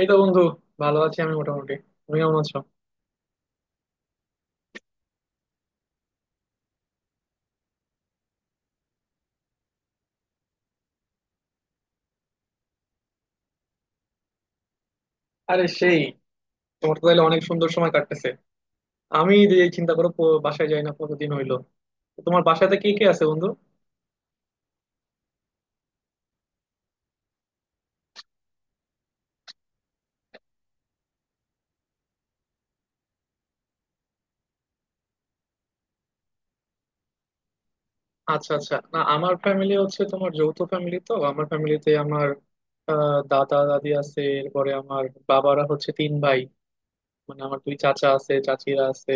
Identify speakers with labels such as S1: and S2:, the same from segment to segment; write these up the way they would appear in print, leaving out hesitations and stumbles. S1: এই তো বন্ধু, ভালো আছি আমি মোটামুটি। তুমি কেমন আছো? আরে সেই, তোমার তো তাহলে অনেক সুন্দর সময় কাটতেছে। আমি যে এই চিন্তা করো, বাসায় যাই না কতদিন হইলো। তো তোমার বাসাতে কে কে আছে বন্ধু? আচ্ছা আচ্ছা, না আমার ফ্যামিলি হচ্ছে, তোমার যৌথ ফ্যামিলি, তো আমার ফ্যামিলিতে আমার দাদা দাদি আছে, এরপরে আমার বাবারা হচ্ছে তিন ভাই, মানে আমার দুই চাচা আছে, চাচিরা আছে।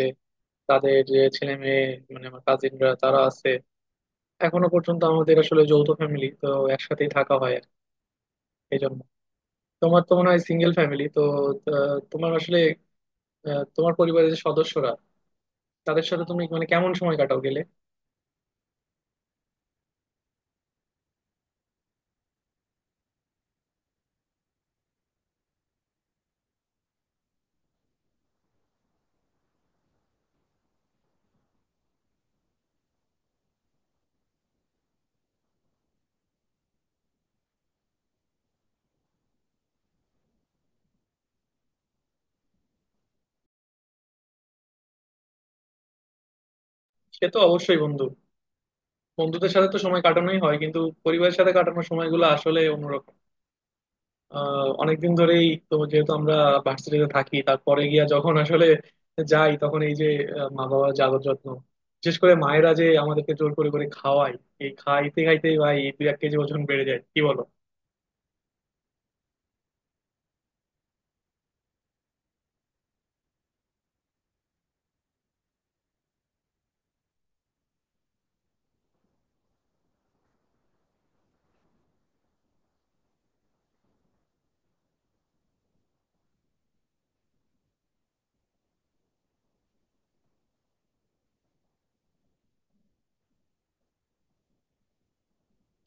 S1: তাদের যে ছেলে মেয়ে, মানে আমার কাজিনরা তারা আছে। এখনো পর্যন্ত আমাদের আসলে যৌথ ফ্যামিলি তো একসাথেই থাকা হয় আর কি। এই জন্য তোমার তো মনে হয় সিঙ্গেল ফ্যামিলি তো। তোমার আসলে তোমার পরিবারের যে সদস্যরা, তাদের সাথে তুমি মানে কেমন সময় কাটাও গেলে? সে তো অবশ্যই বন্ধু। বন্ধুদের সাথে তো সময় কাটানোই হয় কিন্তু পরিবারের সাথে কাটানোর সময়গুলো আসলে অন্যরকম। অনেকদিন ধরেই তো যেহেতু আমরা ভার্সিটিতে থাকি, তারপরে গিয়া যখন আসলে যাই তখন এই যে মা বাবার যে আদর যত্ন, বিশেষ করে মায়েরা যে আমাদেরকে জোর করে করে খাওয়ায়, এই খাইতে খাইতে ভাই দুই এক কেজি ওজন বেড়ে যায়, কি বলো?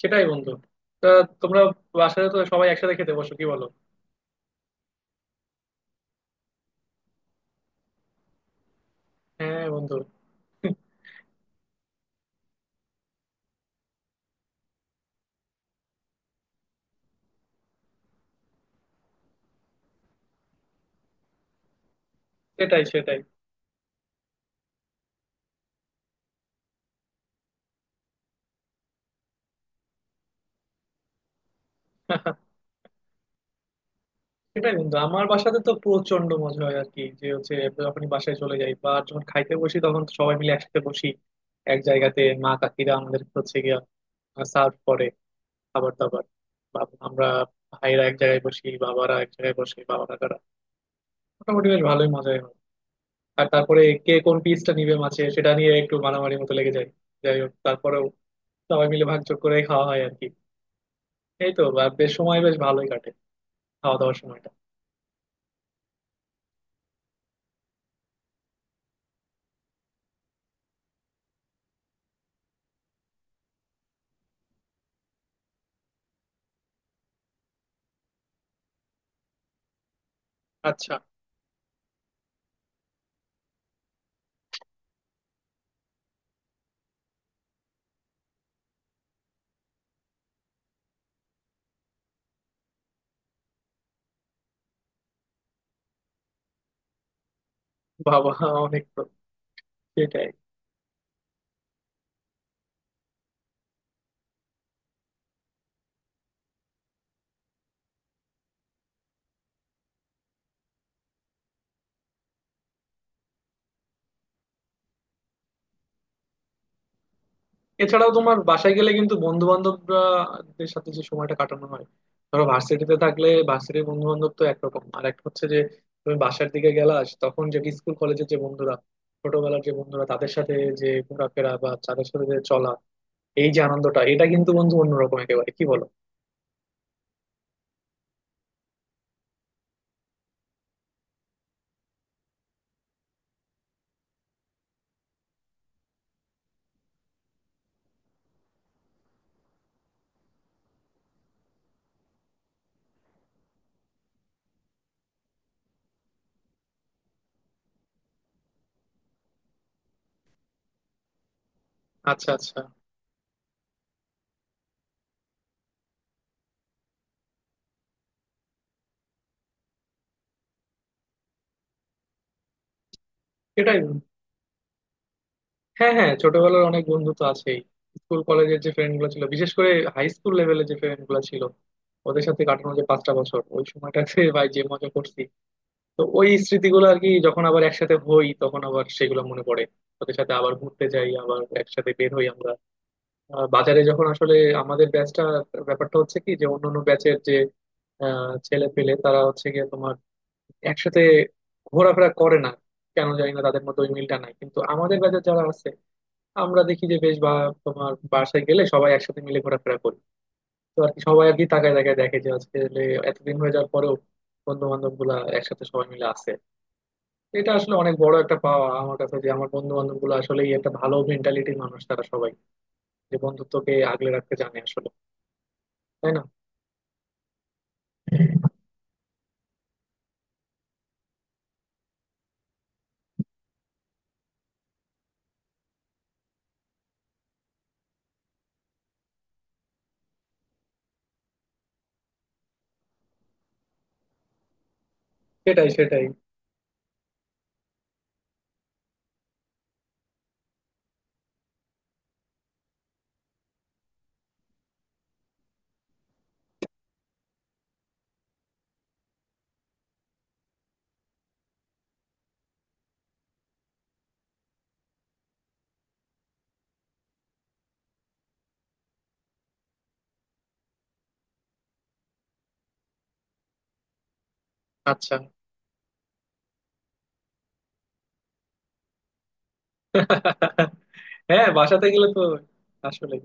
S1: সেটাই বন্ধু। তা তোমরা বাসায় তো সবাই একসাথে খেতে বসো কি বলো? হ্যাঁ বন্ধু। সেটাই সেটাই। সেটাই বন্ধু, আমার বাসাতে তো প্রচন্ড মজা হয় আর কি, যে হচ্ছে যখন বাসায় চলে যাই বা যখন খাইতে বসি তখন তো সবাই মিলে একসাথে বসি এক জায়গাতে। মা কাকিরা আমাদের হচ্ছে গিয়া সার্ভ করে খাবার দাবার, বা আমরা ভাইরা এক জায়গায় বসি, বাবারা এক জায়গায় বসে, বাবা কাকারা। মোটামুটি বেশ ভালোই মজাই হয়। আর তারপরে কে কোন পিসটা নিবে মাছে সেটা নিয়ে একটু মারামারি মতো লেগে যায়। যাই হোক তারপরেও সবাই মিলে ভাগযোগ করে খাওয়া হয় আর কি। এই তো বা বেশ সময় বেশ ভালোই কাটে, খাওয়া দাওয়ার সময়টা। আচ্ছা। বাবা। অনেক তো। সেটাই। এছাড়াও তোমার বাসায় গেলে কিন্তু বন্ধু বান্ধবরাদের সাথে যে সময়টা কাটানো হয়, ধরো ভার্সিটিতে থাকলে ভার্সিটির বন্ধু বান্ধব তো একরকম, আর এক হচ্ছে যে তুমি বাসার দিকে গেলা তখন যে স্কুল কলেজের যে বন্ধুরা, ছোটবেলার যে বন্ধুরা, তাদের সাথে যে ঘোরাফেরা বা তাদের সাথে যে চলা, এই যে আনন্দটা এটা কিন্তু বন্ধু অন্যরকম একেবারে, কি বলো? আচ্ছা আচ্ছা। সেটাই। হ্যাঁ হ্যাঁ, ছোটবেলার অনেক বন্ধু তো আছেই। স্কুল কলেজের যে ফ্রেন্ড গুলো ছিল, বিশেষ করে হাই স্কুল লেভেলের যে ফ্রেন্ড গুলো ছিল, ওদের সাথে কাটানো যে 5টা বছর, ওই সময়টাতে ভাই যে মজা করছি, তো ওই স্মৃতিগুলো আর কি, যখন আবার একসাথে হই তখন আবার সেগুলো মনে পড়ে। ওদের সাথে আবার ঘুরতে যাই, আবার একসাথে বের হই আমরা। বাজারে যখন আসলে আমাদের ব্যাচটা, ব্যাপারটা হচ্ছে কি, যে অন্যান্য ব্যাচের যে ছেলে পেলে তারা হচ্ছে গিয়ে তোমার একসাথে ঘোরাফেরা করে না। কেন জানি না তাদের মধ্যে ওই মিলটা নাই, কিন্তু আমাদের ব্যাচে যারা আছে আমরা দেখি যে বেশ বা তোমার বাসায় গেলে সবাই একসাথে মিলে ঘোরাফেরা করি। তো আর কি সবাই আর কি তাকায় তাকায় দেখে যে আজকে লে এতদিন হয়ে যাওয়ার পরেও বন্ধু বান্ধব গুলা একসাথে সবাই মিলে আছে। এটা আসলে অনেক বড় একটা পাওয়া আমার কাছে, যে আমার বন্ধু বান্ধব গুলো আসলে একটা ভালো মেন্টালিটির মানুষ তারা সবাই, যে বন্ধুত্বকে আগলে রাখতে জানে আসলে, তাই না? সেটাই সেটাই। আচ্ছা। হ্যাঁ বাসাতে গেলে তো আসলে।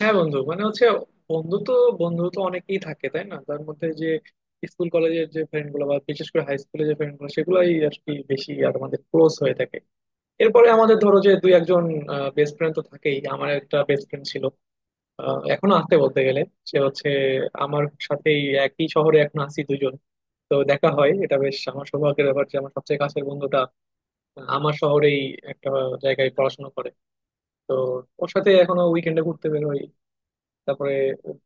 S1: হ্যাঁ বন্ধু, মানে হচ্ছে বন্ধু তো, অনেকেই থাকে তাই না, তার মধ্যে যে স্কুল কলেজের যে ফ্রেন্ড গুলো বা বিশেষ করে হাই স্কুলের যে ফ্রেন্ড গুলো সেগুলাই আর কি বেশি আর আমাদের ক্লোজ হয়ে থাকে। এরপরে আমাদের ধরো যে দুই একজন বেস্ট ফ্রেন্ড তো থাকেই। আমার একটা বেস্ট ফ্রেন্ড ছিল, এখনো আছে বলতে গেলে। সে হচ্ছে আমার সাথেই একই শহরে এখন আছি দুজন। তো দেখা হয়, এটা বেশ আমার সৌভাগ্যের ব্যাপার যে আমার সবচেয়ে কাছের বন্ধুটা আমার শহরেই একটা জায়গায় পড়াশোনা করে। তো ওর সাথে এখনো উইকেন্ডে ঘুরতে বের হই, তারপরে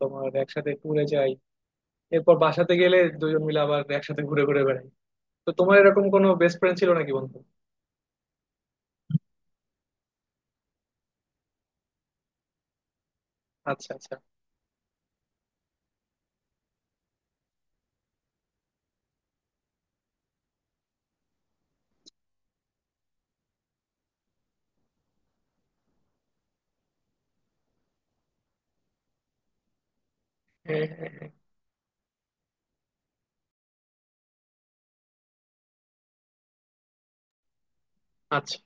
S1: তোমার একসাথে ট্যুরে যাই, এরপর বাসাতে গেলে দুজন মিলে আবার একসাথে ঘুরে ঘুরে বেড়াই। তো তোমার এরকম কোনো বেস্ট ফ্রেন্ড ছিল নাকি বন্ধু? আচ্ছা আচ্ছা। হ্যাঁ হ্যাঁ হ্যাঁ। আচ্ছা।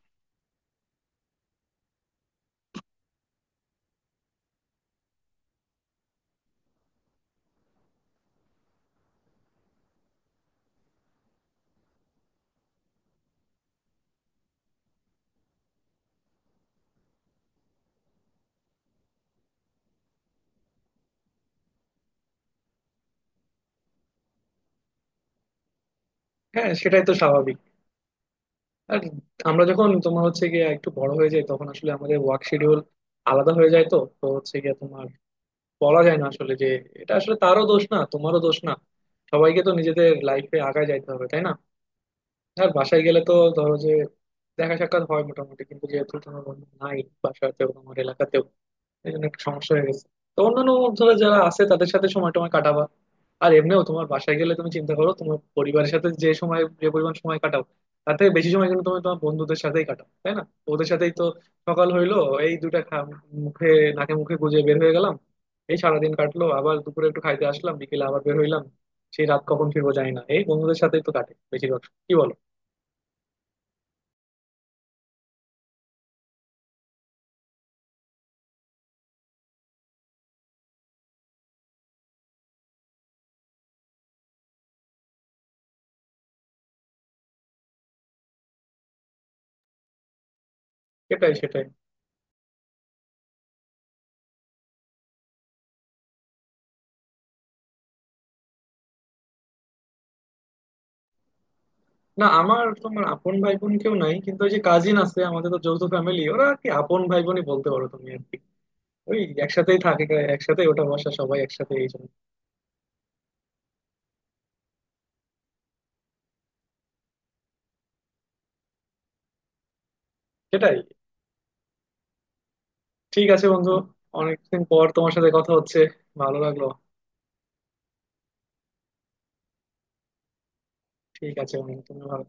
S1: হ্যাঁ সেটাই তো স্বাভাবিক। আর আমরা যখন তোমার হচ্ছে গিয়ে একটু বড় হয়ে যাই তখন আসলে আমাদের ওয়ার্ক শিডিউল আলাদা হয়ে যায়, তো তো হচ্ছে গিয়ে তোমার বলা যায় না আসলে যে, এটা আসলে তারও দোষ না তোমারও দোষ না, সবাইকে তো নিজেদের লাইফে আগায় যাইতে হবে তাই না? আর বাসায় গেলে তো ধরো যে দেখা সাক্ষাৎ হয় মোটামুটি, কিন্তু যেহেতু তোমার বন্ধু নাই বাসাতেও, তোমার এলাকাতেও, এই জন্য একটু সমস্যা হয়ে গেছে। তো অন্যান্য বন্ধুরা যারা আছে তাদের সাথে সময় টময় কাটাবা। আর এমনিও তোমার বাসায় গেলে তুমি চিন্তা করো, তোমার পরিবারের সাথে যে সময় যে পরিমাণ সময় কাটাও, তার থেকে বেশি সময় কিন্তু তুমি তোমার বন্ধুদের সাথেই কাটাও তাই না? ওদের সাথেই তো। সকাল হইলো, এই দুটা মুখে নাকে মুখে গুজে বের হয়ে গেলাম, এই সারাদিন কাটলো, আবার দুপুরে একটু খাইতে আসলাম, বিকেলে আবার বের হইলাম, সেই রাত কখন ফিরবো জানি না, এই বন্ধুদের সাথেই তো কাটে বেশিরভাগ সময়। কি বলো? এটাই সেটাই। না আমার তোমার আপন ভাই বোন কেউ নাই কিন্তু ওই যে কাজিন আছে, আমাদের তো যৌথ ফ্যামিলি, ওরা আর কি আপন ভাই বোনই বলতে পারো তুমি আর কি। ওই একসাথেই থাকে, একসাথে ওটা বসা, সবাই একসাথে, এই জন্য সেটাই। ঠিক আছে বন্ধু, অনেকদিন পর তোমার সাথে কথা হচ্ছে, ভালো লাগলো। ঠিক আছে বন্ধু তুমি ভালো।